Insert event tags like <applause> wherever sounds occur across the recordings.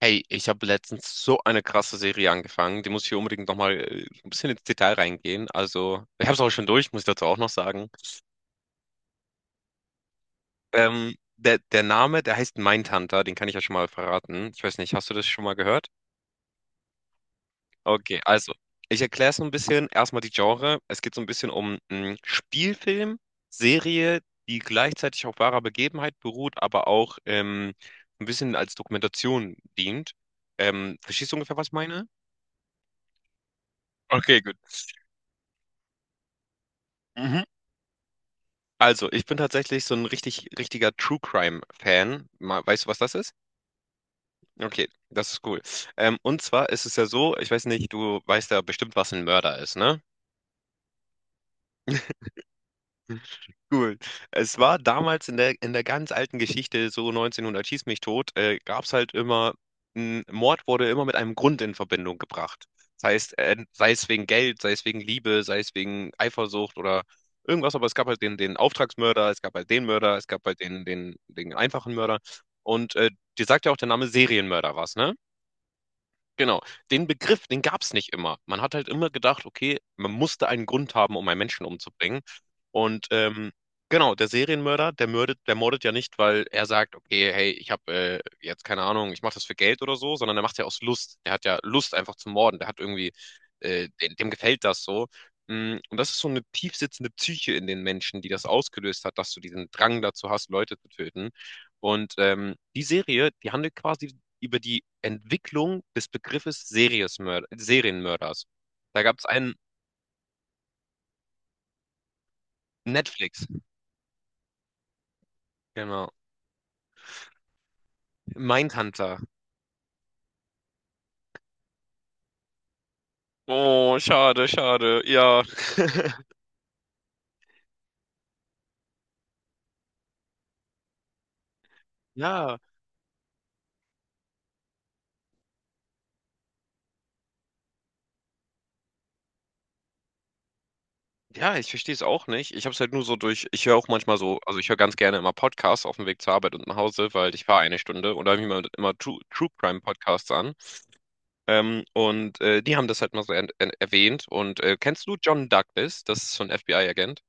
Hey, ich habe letztens so eine krasse Serie angefangen. Die muss ich unbedingt nochmal ein bisschen ins Detail reingehen. Also, ich habe es auch schon durch, muss ich dazu auch noch sagen. Der Name, der heißt Mindhunter, den kann ich ja schon mal verraten. Ich weiß nicht, hast du das schon mal gehört? Okay, also, ich erkläre so ein bisschen. Erstmal die Genre. Es geht so ein bisschen um einen Spielfilm, Serie, die gleichzeitig auf wahrer Begebenheit beruht, aber auch ein bisschen als Dokumentation dient. Verstehst du ungefähr, was ich meine? Okay, gut. Mhm. Also, ich bin tatsächlich so ein richtig richtiger True-Crime-Fan. Ma weißt du, was das ist? Okay, das ist cool. Und zwar ist es ja so, ich weiß nicht, du weißt ja bestimmt, was ein Mörder ist, ne? <laughs> Cool. Es war damals in der ganz alten Geschichte, so 1900 schieß mich tot, gab es halt immer, ein Mord wurde immer mit einem Grund in Verbindung gebracht. Das heißt, sei es wegen Geld, sei es wegen Liebe, sei es wegen Eifersucht oder irgendwas, aber es gab halt den Auftragsmörder, es gab halt den Mörder, es gab halt den einfachen Mörder. Und dir sagt ja auch der Name Serienmörder was, ne? Genau, den Begriff, den gab es nicht immer. Man hat halt immer gedacht, okay, man musste einen Grund haben, um einen Menschen umzubringen. Und genau, der Serienmörder, der mördet, der mordet ja nicht, weil er sagt, okay, hey, ich habe jetzt keine Ahnung, ich mache das für Geld oder so, sondern er macht ja aus Lust. Der hat ja Lust einfach zu morden. Der hat irgendwie, dem gefällt das so. Und das ist so eine tiefsitzende Psyche in den Menschen, die das ausgelöst hat, dass du diesen Drang dazu hast, Leute zu töten. Und die Serie, die handelt quasi über die Entwicklung des Begriffes Seriesmörd Serienmörders. Da gab es einen Netflix, genau. Mindhunter. Oh, schade, schade. Ja. <laughs> Ja, ja, ich verstehe es auch nicht. Ich habe es halt nur so durch, ich höre auch manchmal so, also ich höre ganz gerne immer Podcasts auf dem Weg zur Arbeit und nach Hause, weil ich fahre 1 Stunde und da höre ich mir immer True Crime Podcasts an. Die haben das halt mal so erwähnt. Und kennst du John Douglas? Das ist so ein FBI-Agent.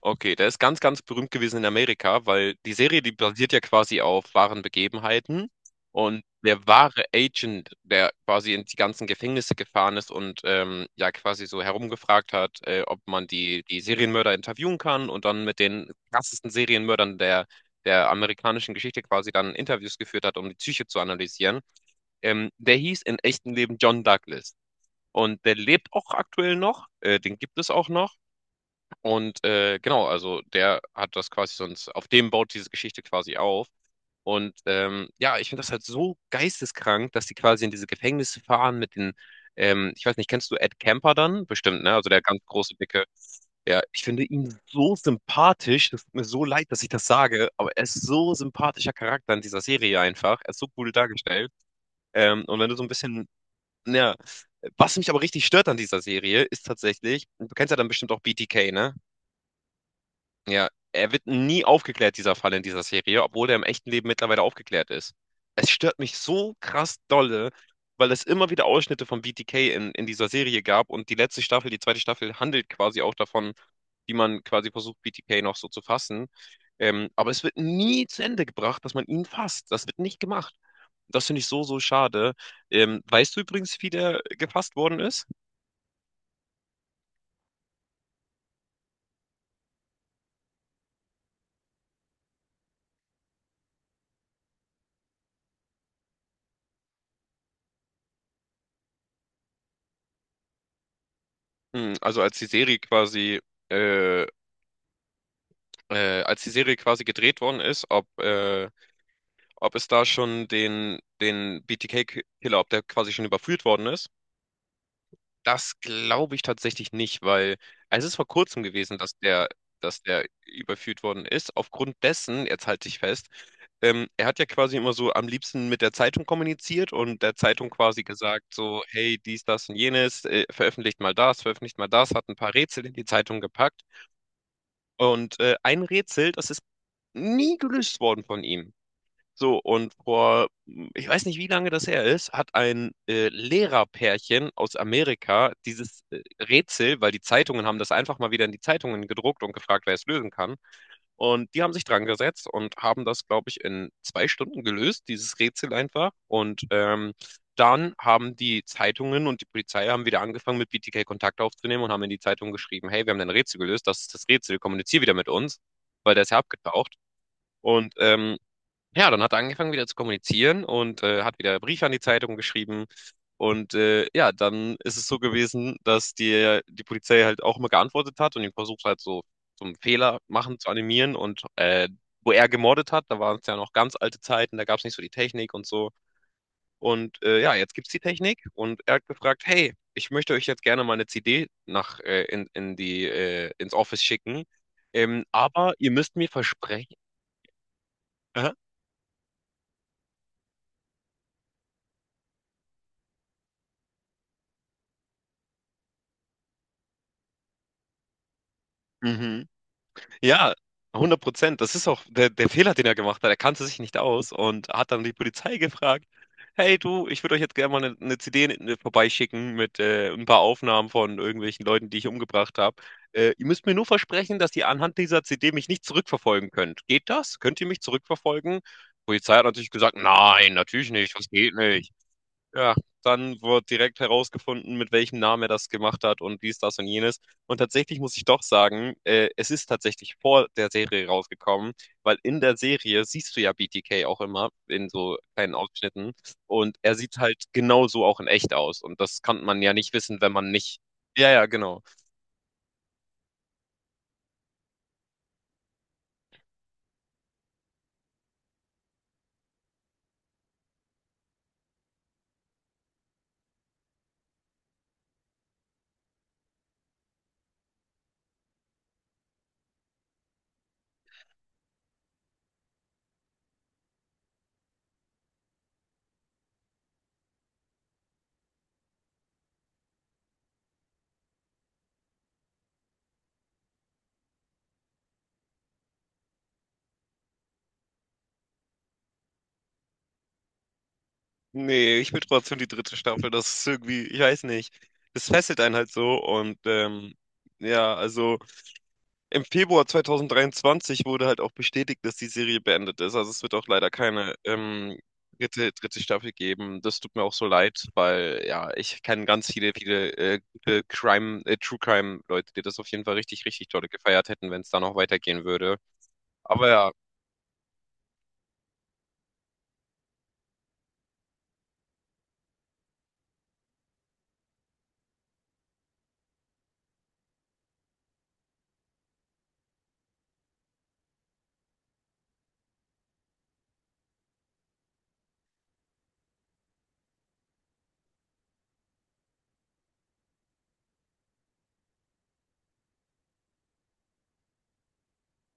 Okay, der ist ganz berühmt gewesen in Amerika, weil die Serie, die basiert ja quasi auf wahren Begebenheiten. Und der wahre Agent, der quasi in die ganzen Gefängnisse gefahren ist und ja quasi so herumgefragt hat, ob man die Serienmörder interviewen kann und dann mit den krassesten Serienmördern der amerikanischen Geschichte quasi dann Interviews geführt hat, um die Psyche zu analysieren, der hieß in echtem Leben John Douglas. Und der lebt auch aktuell noch, den gibt es auch noch. Und genau, also der hat das quasi sonst, auf dem baut diese Geschichte quasi auf. Und ja, ich finde das halt so geisteskrank, dass die quasi in diese Gefängnisse fahren mit den, ich weiß nicht, kennst du Ed Kemper dann? Bestimmt, ne? Also der ganz große, dicke. Ja, ich finde ihn so sympathisch. Das tut mir so leid, dass ich das sage, aber er ist so sympathischer Charakter in dieser Serie einfach. Er ist so cool dargestellt. Und wenn du so ein bisschen, ja, was mich aber richtig stört an dieser Serie, ist tatsächlich, du kennst ja dann bestimmt auch BTK, ne? Ja, er wird nie aufgeklärt, dieser Fall in dieser Serie, obwohl er im echten Leben mittlerweile aufgeklärt ist. Es stört mich so krass dolle, weil es immer wieder Ausschnitte von BTK in dieser Serie gab und die letzte Staffel, die zweite Staffel, handelt quasi auch davon, wie man quasi versucht, BTK noch so zu fassen. Aber es wird nie zu Ende gebracht, dass man ihn fasst. Das wird nicht gemacht. Das finde ich so schade. Weißt du übrigens, wie der gefasst worden ist? Hm, also äh, als die Serie quasi gedreht worden ist, ob es da schon den B T K killer ob der quasi schon überführt worden ist. Das glaube ich tatsächlich nicht, weil es ist vor kurzem gewesen, dass der überführt worden ist. Aufgrund dessen, jetzt halte ich fest, er hat ja quasi immer so am liebsten mit der Zeitung kommuniziert und der Zeitung quasi gesagt, so, hey, dies, das und jenes, veröffentlicht mal das, hat ein paar Rätsel in die Zeitung gepackt. Und ein Rätsel, das ist nie gelöst worden von ihm. So, und vor, ich weiß nicht, wie lange das her ist, hat ein Lehrerpärchen aus Amerika dieses Rätsel, weil die Zeitungen haben das einfach mal wieder in die Zeitungen gedruckt und gefragt, wer es lösen kann. Und die haben sich dran gesetzt und haben das, glaube ich, in 2 Stunden gelöst, dieses Rätsel einfach. Und dann haben die Zeitungen und die Polizei haben wieder angefangen, mit BTK Kontakt aufzunehmen und haben in die Zeitung geschrieben, hey, wir haben dein Rätsel gelöst, das ist das Rätsel, kommunizier wieder mit uns, weil der ist ja abgetaucht. Und ja, dann hat er angefangen wieder zu kommunizieren und hat wieder Briefe an die Zeitung geschrieben. Und ja, dann ist es so gewesen, dass die Polizei halt auch immer geantwortet hat und ihn versucht halt so zum Fehler machen zu animieren. Und wo er gemordet hat, da waren es ja noch ganz alte Zeiten, da gab es nicht so die Technik und so. Und ja, jetzt gibt's die Technik und er hat gefragt, hey, ich möchte euch jetzt gerne mal eine CD nach in die ins Office schicken, aber ihr müsst mir versprechen. Aha. Mhm. Ja, 100%. Das ist auch der Fehler, den er gemacht hat. Er kannte sich nicht aus und hat dann die Polizei <laughs> gefragt: Hey, du, ich würde euch jetzt gerne mal eine CD vorbeischicken mit ein paar Aufnahmen von irgendwelchen Leuten, die ich umgebracht habe. Ihr müsst mir nur versprechen, dass ihr anhand dieser CD mich nicht zurückverfolgen könnt. Geht das? Könnt ihr mich zurückverfolgen? Die Polizei hat natürlich gesagt: Nein, natürlich nicht. Das geht nicht. Ja, dann wird direkt herausgefunden, mit welchem Namen er das gemacht hat und dies, das und jenes. Und tatsächlich muss ich doch sagen, es ist tatsächlich vor der Serie rausgekommen, weil in der Serie siehst du ja BTK auch immer in so kleinen Ausschnitten und er sieht halt genauso auch in echt aus. Und das kann man ja nicht wissen, wenn man nicht. Ja, ja, genau. Nee, ich will trotzdem die dritte Staffel. Das ist irgendwie, ich weiß nicht. Das fesselt einen halt so und ja, also. Im Februar 2023 wurde halt auch bestätigt, dass die Serie beendet ist. Also es wird auch leider keine dritte Staffel geben. Das tut mir auch so leid, weil ja, ich kenne ganz viele, viele gute Crime, True Crime Leute, die das auf jeden Fall richtig toll gefeiert hätten, wenn es da noch weitergehen würde. Aber ja.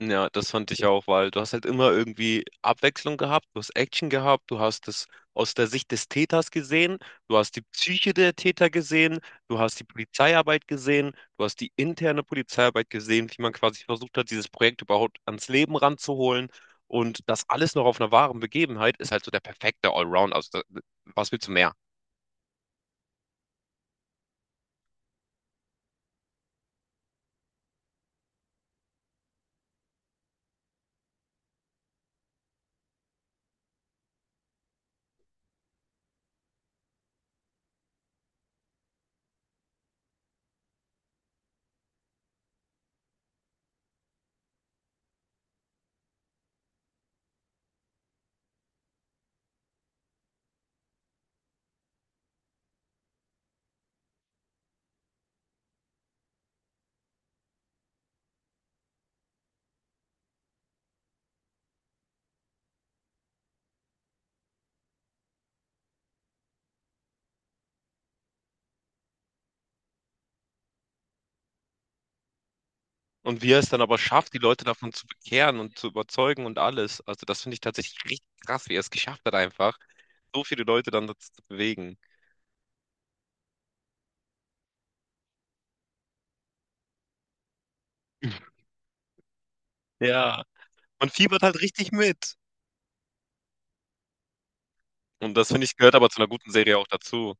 Ja, das fand ich auch, weil du hast halt immer irgendwie Abwechslung gehabt, du hast Action gehabt, du hast es aus der Sicht des Täters gesehen, du hast die Psyche der Täter gesehen, du hast die Polizeiarbeit gesehen, du hast die interne Polizeiarbeit gesehen, wie man quasi versucht hat, dieses Projekt überhaupt ans Leben ranzuholen. Und das alles noch auf einer wahren Begebenheit ist halt so der perfekte Allround. Also, da, was willst du mehr? Und wie er es dann aber schafft, die Leute davon zu bekehren und zu überzeugen und alles. Also, das finde ich tatsächlich richtig krass, wie er es geschafft hat, einfach. So viele Leute dann dazu zu bewegen. <laughs> Ja, man fiebert halt richtig mit. Und das finde ich gehört aber zu einer guten Serie auch dazu.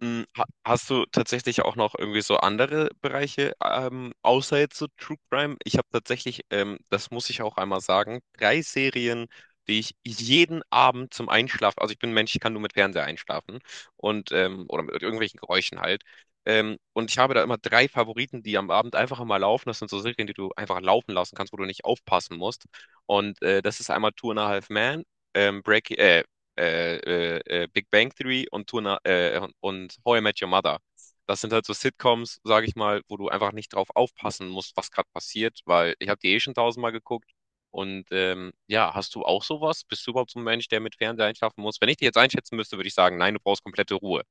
Hm, ha- Hast du tatsächlich auch noch irgendwie so andere Bereiche, außer jetzt so True Crime? Ich habe tatsächlich, das muss ich auch einmal sagen, drei Serien, die ich jeden Abend zum Einschlafen, also ich bin ein Mensch, ich kann nur mit Fernseher einschlafen und oder mit irgendwelchen Geräuschen halt. Und ich habe da immer drei Favoriten, die am Abend einfach immer laufen. Das sind so Serien, die du einfach laufen lassen kannst, wo du nicht aufpassen musst. Und das ist einmal Two and a Half Men, ähm, Breaking, äh, äh, Big Bang Theory und, und How I Met Your Mother. Das sind halt so Sitcoms, sage ich mal, wo du einfach nicht drauf aufpassen musst, was gerade passiert, weil ich habe die eh schon tausendmal geguckt. Und ja, hast du auch sowas? Bist du überhaupt so ein Mensch, der mit Fernseher einschlafen muss? Wenn ich dich jetzt einschätzen müsste, würde ich sagen, nein, du brauchst komplette Ruhe.